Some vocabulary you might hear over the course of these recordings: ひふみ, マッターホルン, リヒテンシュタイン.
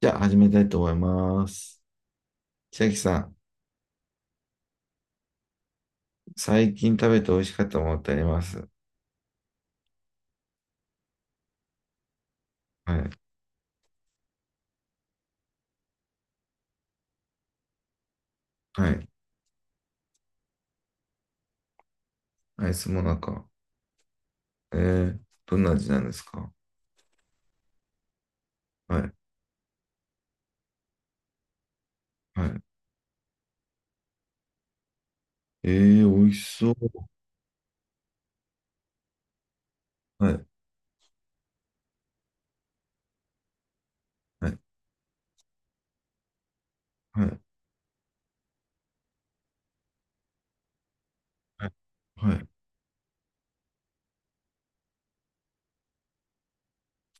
じゃあ始めたいと思います。千秋さん、最近食べて美味しかったものってあります？はい。はい。アイスもなか。えー、どんな味なんですか？はい。はい。え美味しそう。はい。はい。はい。はい。はい。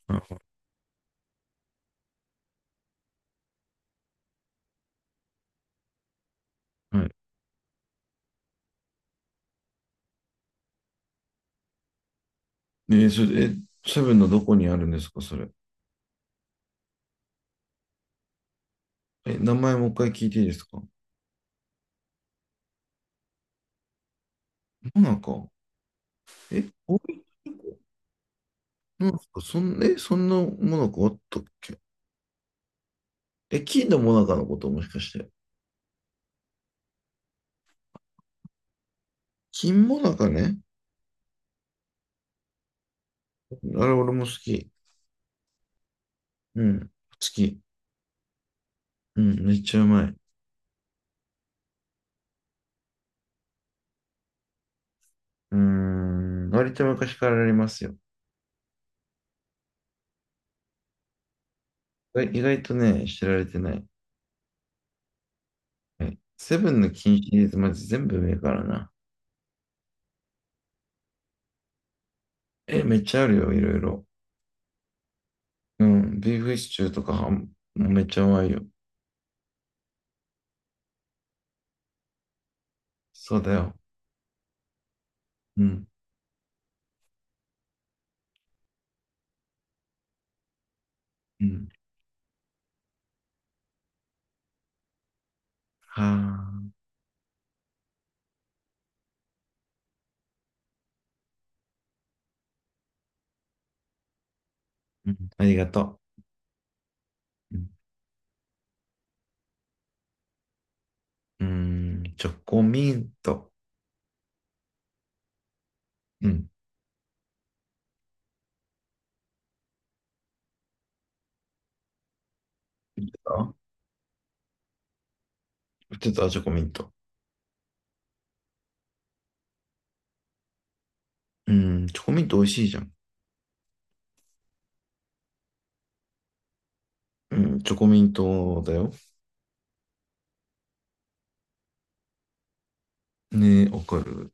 はいはい。それ、セブンのどこにあるんですか、それ。え、名前もう一回聞いていいですか？もなか。え、こういうとこなんですか？そんなもなかあったっけ？え、金のもなかのこともしかして。金もなかね。あれ、俺も好き。うん。好き。うん。めっちゃうまい。うーん。割と昔からありますよ。意外とね、知られてない。はい。セブンの金シリーズ、まず全部上からな。え、めっちゃあるよ、いろいろ。うん。ビーフシチューとかは、もうめっちゃうまいよ。そうだよ。うん。うん。はあ。うん。ありがとう。うん。うーん、チョコミント。うん。売ってた売ってたチョコミント。うん。チョコミント美味しいじゃん。うん。チョコミントだよ。ねえ、わかる。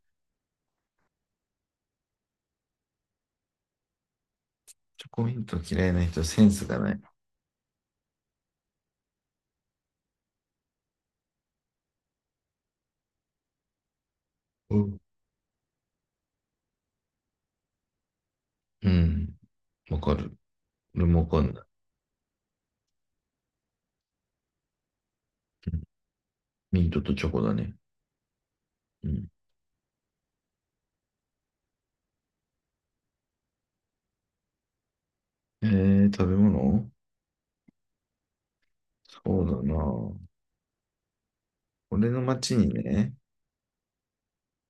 チョコミント嫌いな人はセンスがない。うん。うん、わかる。俺もわかんない。うん、ミントとチョコだね。うん。食べ物？そうだな。俺の町にね、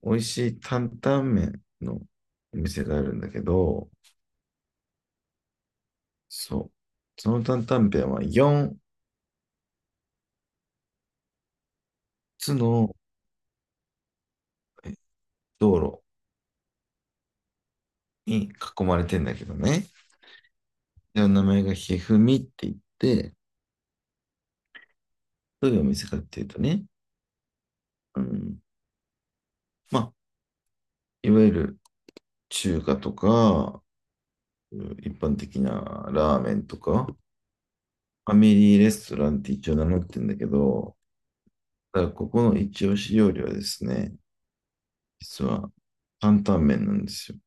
美味しい担々麺のお店があるんだけど、そう。その担々麺は4つのえ道路に囲まれてんだけどね。で、名前がひふみって言って、どういうお店かっていうとね、うん、まあ、いわゆる中華とか、一般的なラーメンとか、ファミリーレストランって一応名乗ってんだけど、ただここの一押し料理はですね、実は担々麺なんですよ。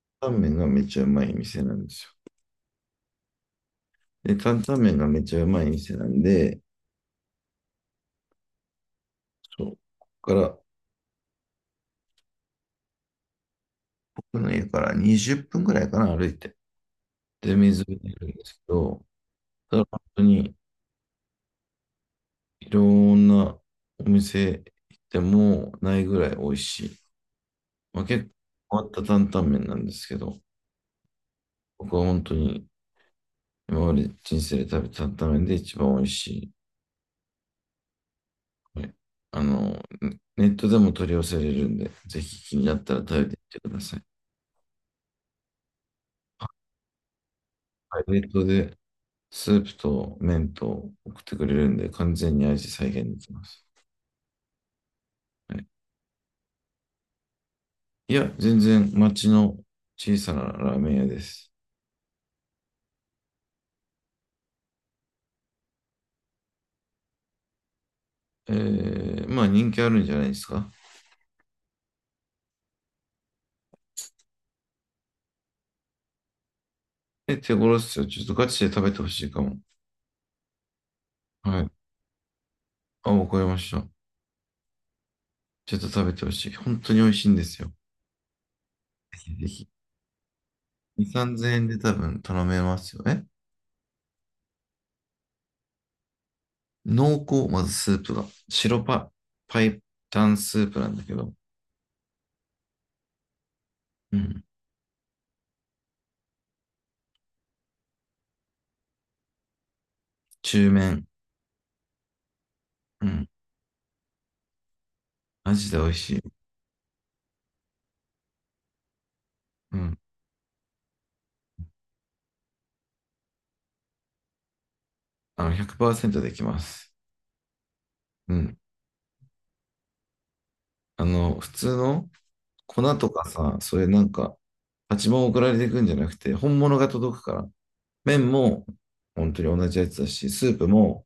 担々麺がめちゃうまい店なんですよ。で、担々麺がめちゃうまい店なんで、そう、ここから、僕の家から20分ぐらいかな、歩いて。で、水辺にいるんですけど、ただ本当にいろんなお店行ってもないぐらい美味しい。まあ、結構変わった担々麺なんですけど、僕は本当に今まで人生で食べた担々麺で一番美味しい。これあの、ネットでも取り寄せれるんで、ぜひ気になったら食べてみてください。はい、冷凍でスープと麺と送ってくれるんで、完全に味再現できます。はい、いや、全然町の小さなラーメン屋です。まあ、人気あるんじゃないですか？え、手頃っすよ。ちょっとガチで食べてほしいかも。はい。あ、わかりました。ちょっと食べてほしい。本当に美味しいんですよ。ぜひぜひ。2、3000円で多分頼めますよね。濃厚、まずスープが。白パイタンスープなんだけど。うん。中麺。うん。マジで美味しい。うん。あの、100%できます。うん。あの、普通の粉とかさ、それなんか、パチモン送られてくんじゃなくて、本物が届くから。麺も本当に同じやつだし、スープも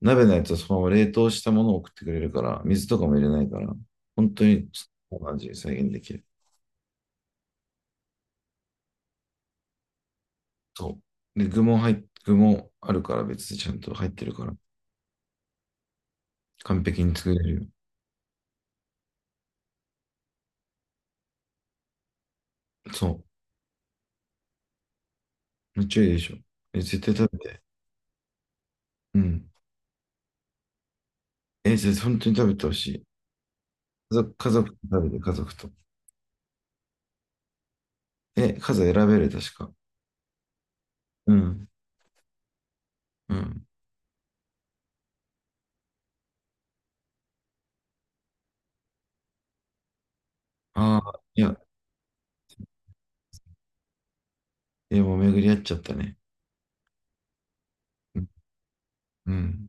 鍋のやつはそのまま冷凍したものを送ってくれるから、水とかも入れないから、本当にその味再現できる。そう。で、具もあるから別でちゃんと入ってるから、完璧に作れるよ。そう。めっちゃいいでしょ。え、絶対食べて。うん。え、絶対本当に食べてほしい。家族、家族と食べて、家族と。え、数選べる、確か。うん。うん。ああ、いや、いやもう巡り合っちゃったね。うん。うん。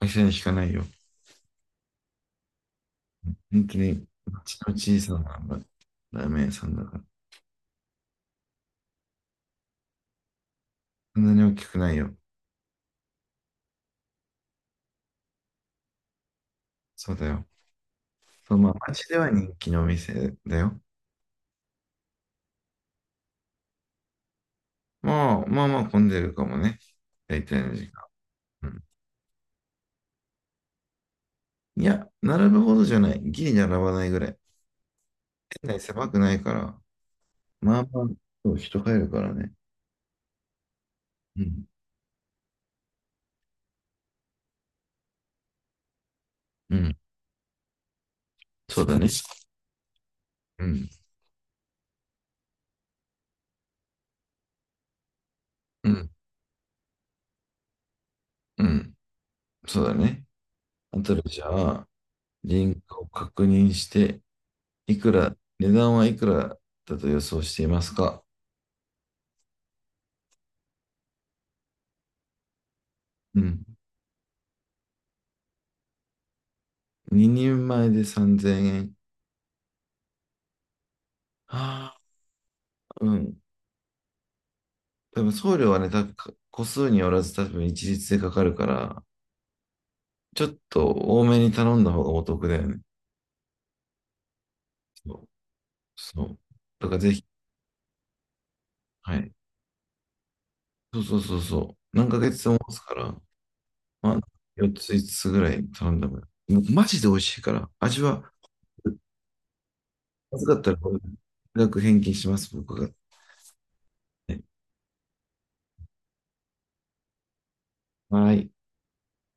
会社に引かないよ。本当に、うちの小さなラーメン屋さんだから。そんなに大きくないよ。そうだよ。そう、まあ、街では人気のお店だよ。まあ、まあまあ混んでるかもね。大体の時間。うん。いや、並ぶほどじゃない。ギリ並ばないぐらい。店内狭くないから、まあまあ、そう人入るからね。うん。うん。そうだね。うん。うん。うん。そうだね。あとでじゃあ、リンクを確認して、いくら、値段はいくらだと予想していますか？うん。2人前で3000円。はあ、うん。多分送料はね、多分個数によらず多分一律でかかるから、ちょっと多めに頼んだ方がお得だよね。そう。そうだからぜひ、はい。そうそうそうそう。何ヶ月も持つから、まあ、4つ、5つぐらい頼んだもん。もうマジで美味しいから、味は、まずかったら、これ、額返金します、僕が。はい。はい